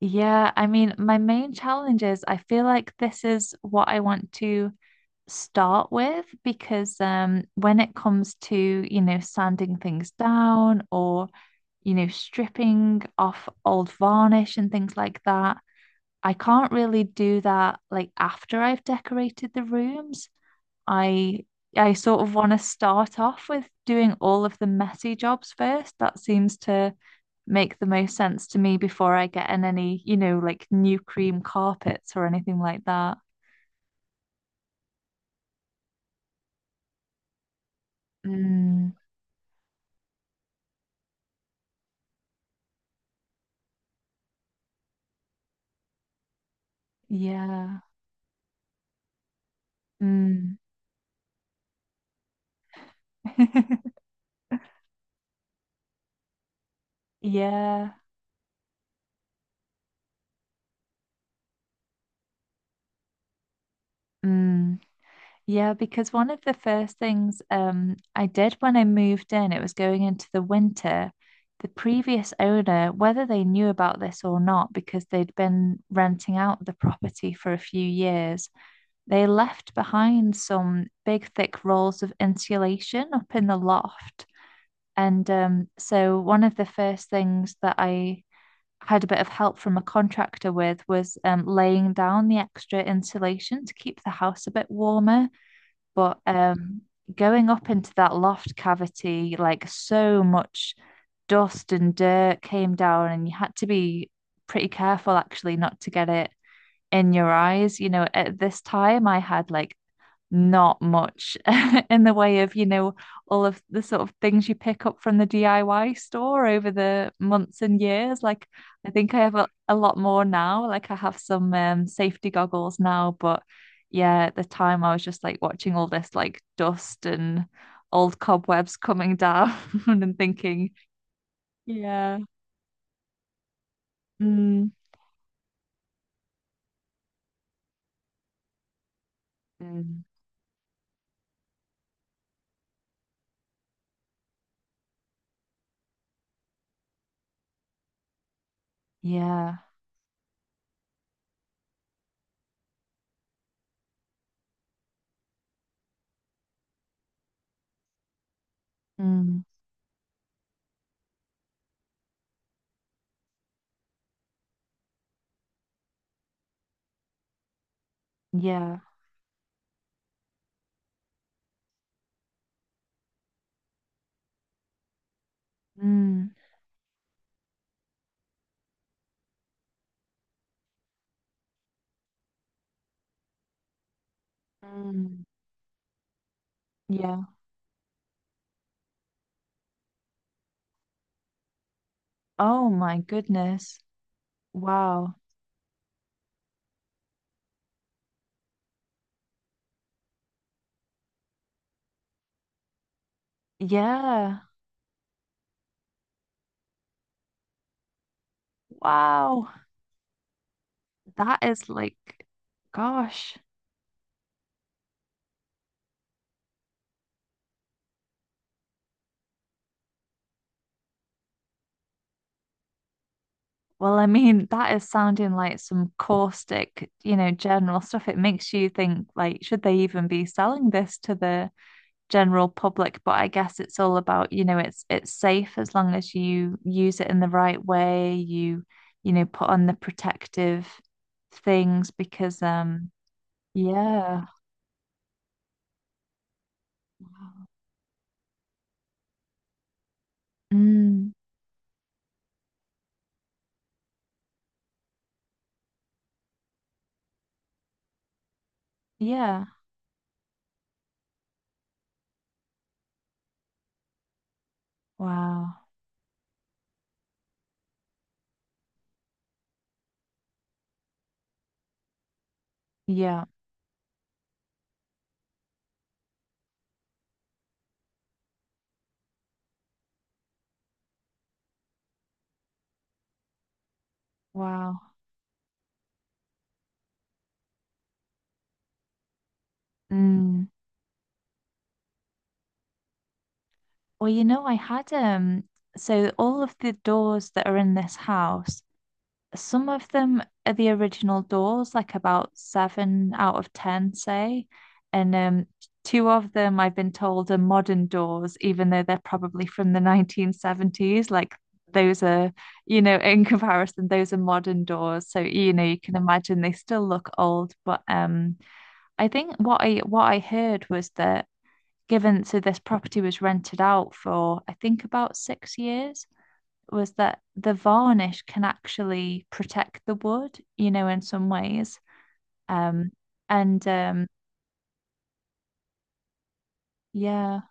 Yeah, I mean, my main challenge is I feel like this is what I want to start with because when it comes to, sanding things down or, stripping off old varnish and things like that, I can't really do that like after I've decorated the rooms. I I sort of want to start off with doing all of the messy jobs first. That seems to make the most sense to me before I get in any, like new cream carpets or anything like that. Mm, yeah. Mm. Yeah. Mm. Yeah, because one of the first things I did when I moved in, it was going into the winter. The previous owner, whether they knew about this or not, because they'd been renting out the property for a few years, they left behind some big, thick rolls of insulation up in the loft. And so, one of the first things that I had a bit of help from a contractor with was laying down the extra insulation to keep the house a bit warmer, but going up into that loft cavity, like so much dust and dirt came down, and you had to be pretty careful actually not to get it in your eyes. You know, at this time, I had like not much in the way of, all of the sort of things you pick up from the DIY store over the months and years. Like, I think I have a lot more now. Like, I have some safety goggles now, but yeah, at the time I was just like watching all this like dust and old cobwebs coming down and thinking, yeah, mm, mm, yeah, mm, yeah, mm, mm, yeah. Oh my goodness. Wow. Yeah. Wow. That is like, gosh. Well, I mean, that is sounding like some caustic, general stuff. It makes you think, like, should they even be selling this to the general public? But I guess it's all about, it's safe as long as you use it in the right way. You, put on the protective things because, yeah. Wow. Mm, yeah. Wow. Yeah. Wow. Mm. Well, I had so all of the doors that are in this house, some of them are the original doors, like about seven out of ten, say. And two of them I've been told are modern doors, even though they're probably from the 1970s. Like those are, in comparison, those are modern doors. So, you can imagine they still look old, but I think what I heard was that, given so this property was rented out for I think about 6 years, was that the varnish can actually protect the wood, in some ways. Um, and yeah,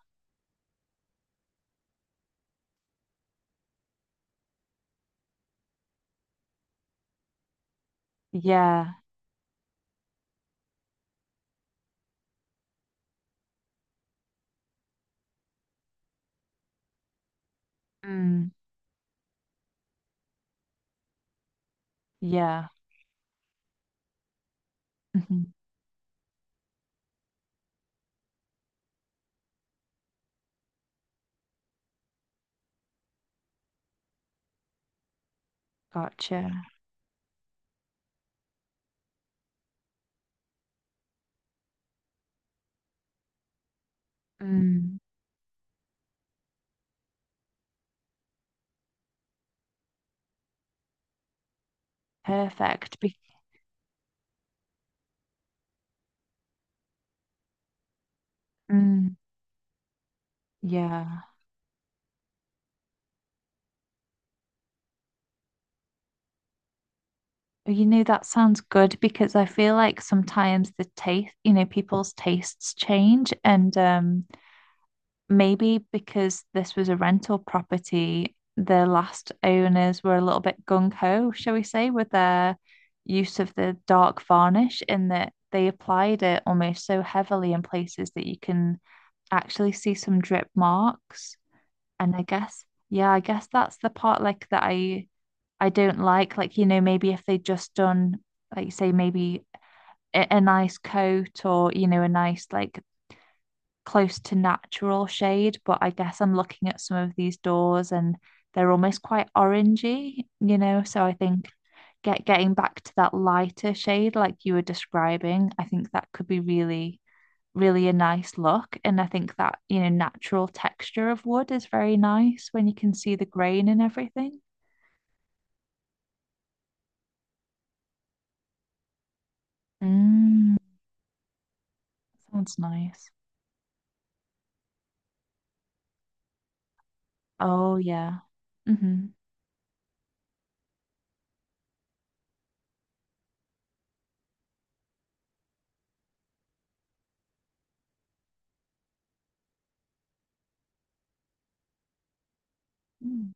yeah, mm, yeah, mhm, gotcha. Mm, perfect. Mm, yeah. Oh, that sounds good because I feel like sometimes the taste, people's tastes change, and maybe because this was a rental property, the last owners were a little bit gung ho, shall we say, with their use of the dark varnish, in that they applied it almost so heavily in places that you can actually see some drip marks. And I guess, yeah, I guess that's the part like that I don't like. Like, maybe if they would just done, like you say, maybe a nice coat, or, a nice like close to natural shade, but I guess I'm looking at some of these doors and they're almost quite orangey, you know. So I think getting back to that lighter shade like you were describing, I think that could be really, really a nice look. And I think that, natural texture of wood is very nice when you can see the grain and everything. Mm, sounds nice. Oh yeah. Mm-hmm. Mm.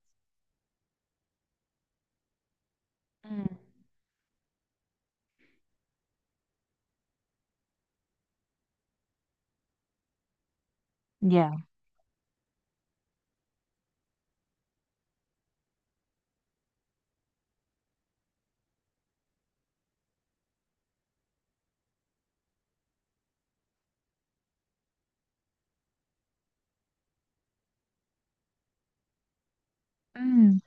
Mm. Yeah. Mm.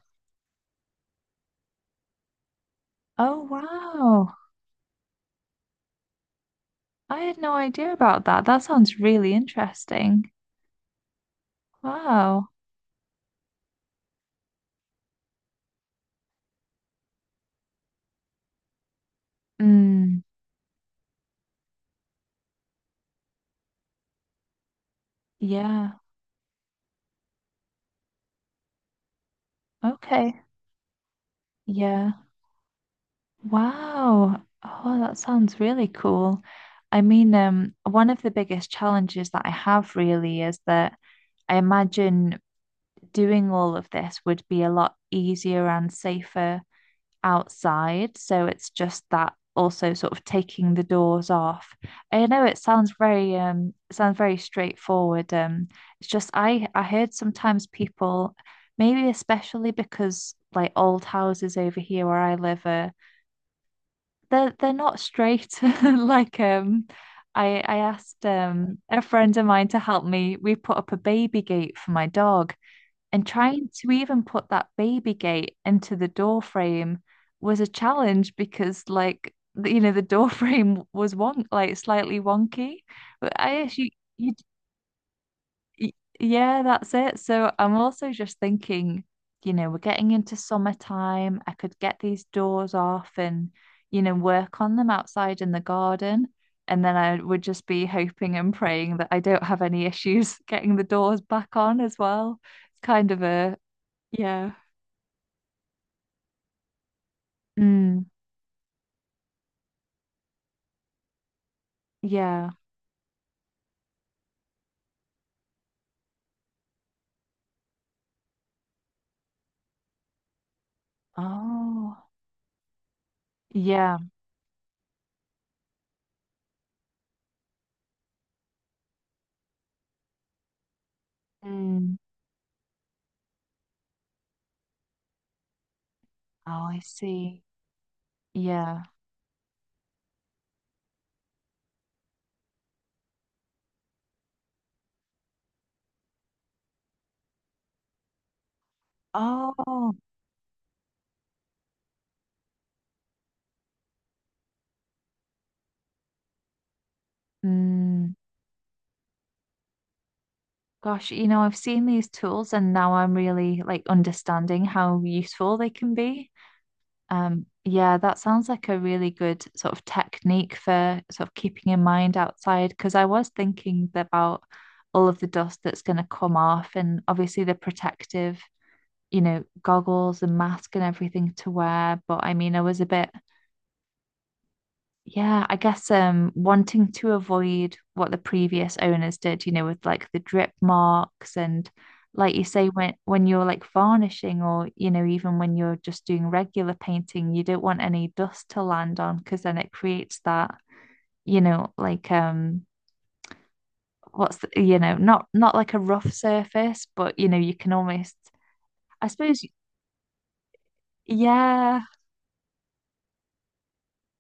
Oh wow. I had no idea about that. That sounds really interesting. Wow. Mm, yeah. Okay. Yeah. Wow. Oh, that sounds really cool. I mean, one of the biggest challenges that I have really is that I imagine doing all of this would be a lot easier and safer outside. So it's just that also sort of taking the doors off. I know it sounds very straightforward. It's just I heard sometimes people, maybe especially because like old houses over here where I live are, they're not straight, like I asked a friend of mine to help me. We put up a baby gate for my dog, and trying to even put that baby gate into the door frame was a challenge because, like, the door frame was wonk like slightly wonky. But I actually, you yeah, that's it. So I'm also just thinking, you know, we're getting into summertime, I could get these doors off and, you know, work on them outside in the garden, and then I would just be hoping and praying that I don't have any issues getting the doors back on as well. It's kind of a yeah. Mm, yeah. Oh, yeah. Mm, oh, I see. Yeah. Oh, mm, gosh, I've seen these tools and now I'm really like understanding how useful they can be. Yeah, that sounds like a really good sort of technique for sort of keeping in mind outside because I was thinking about all of the dust that's going to come off, and obviously the protective, goggles and mask and everything to wear. But I mean, I was a bit, yeah, I guess wanting to avoid what the previous owners did, with like the drip marks, and like you say, when you're like varnishing or, even when you're just doing regular painting, you don't want any dust to land on, because then it creates that, like what's the, not like a rough surface, but you can almost, I suppose, yeah.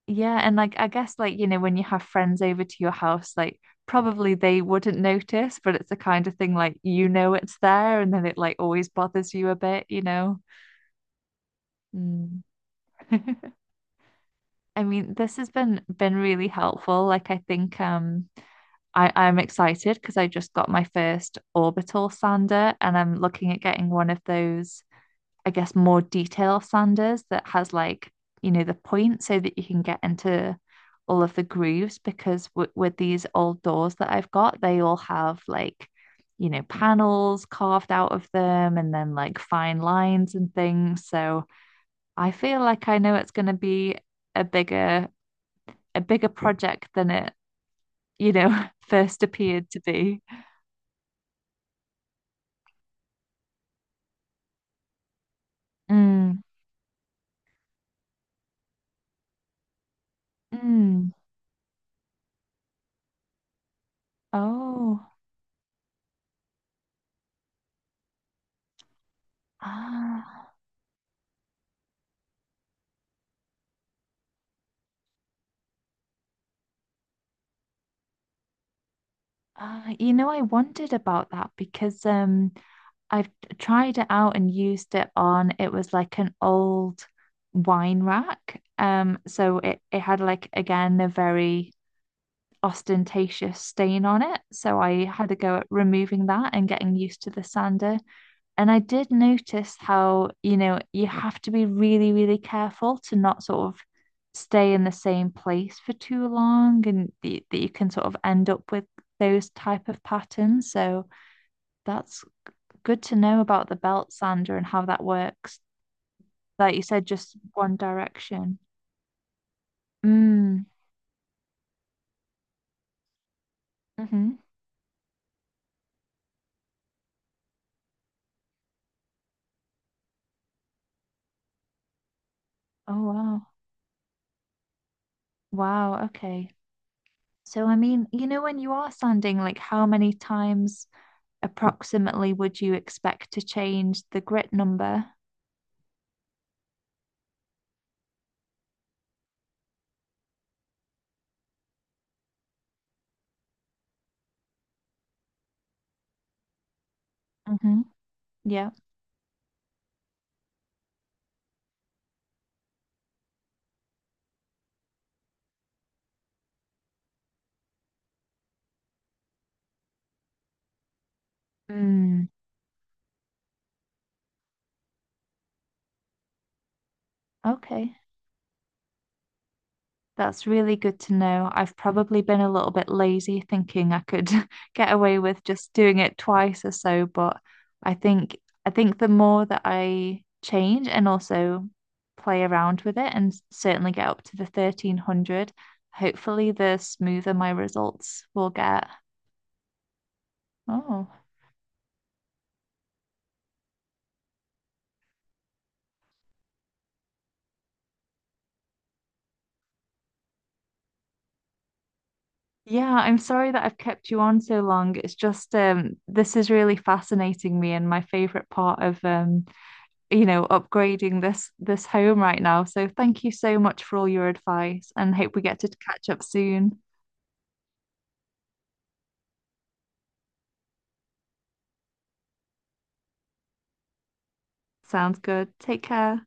Yeah, and like I guess like, when you have friends over to your house, like probably they wouldn't notice, but it's the kind of thing, like, it's there, and then it like always bothers you a bit, you know. Mm. I mean, this has been really helpful. Like I think I'm excited because I just got my first orbital sander, and I'm looking at getting one of those, I guess, more detail sanders that has, like, the point, so that you can get into all of the grooves, because w with these old doors that I've got, they all have, like, panels carved out of them and then like fine lines and things. So I feel like I know it's going to be a bigger a bigger project than it, first appeared to be. Mm, mm. Oh. Ah. I wondered about that because I've tried it out and used it on, it was like an old wine rack. So it had like, again, a very ostentatious stain on it. So I had a go at removing that and getting used to the sander. And I did notice how, you have to be really, really careful to not sort of stay in the same place for too long, and that you can sort of end up with those type of patterns. So that's good to know about the belt sander and how that works. Like you said, just one direction. Mm, mm-hmm. Oh, wow. Wow. Okay. So, I mean, when you are sanding, like how many times approximately would you expect to change the grit number? Mm-hmm. Yeah. Mm. Okay. That's really good to know. I've probably been a little bit lazy thinking I could get away with just doing it twice or so, but I think I think the more that I change and also play around with it and certainly get up to the 1300, hopefully the smoother my results will get. Oh. Yeah, I'm sorry that I've kept you on so long. It's just this is really fascinating me, and my favorite part of upgrading this home right now. So thank you so much for all your advice, and hope we get to catch up soon. Sounds good. Take care.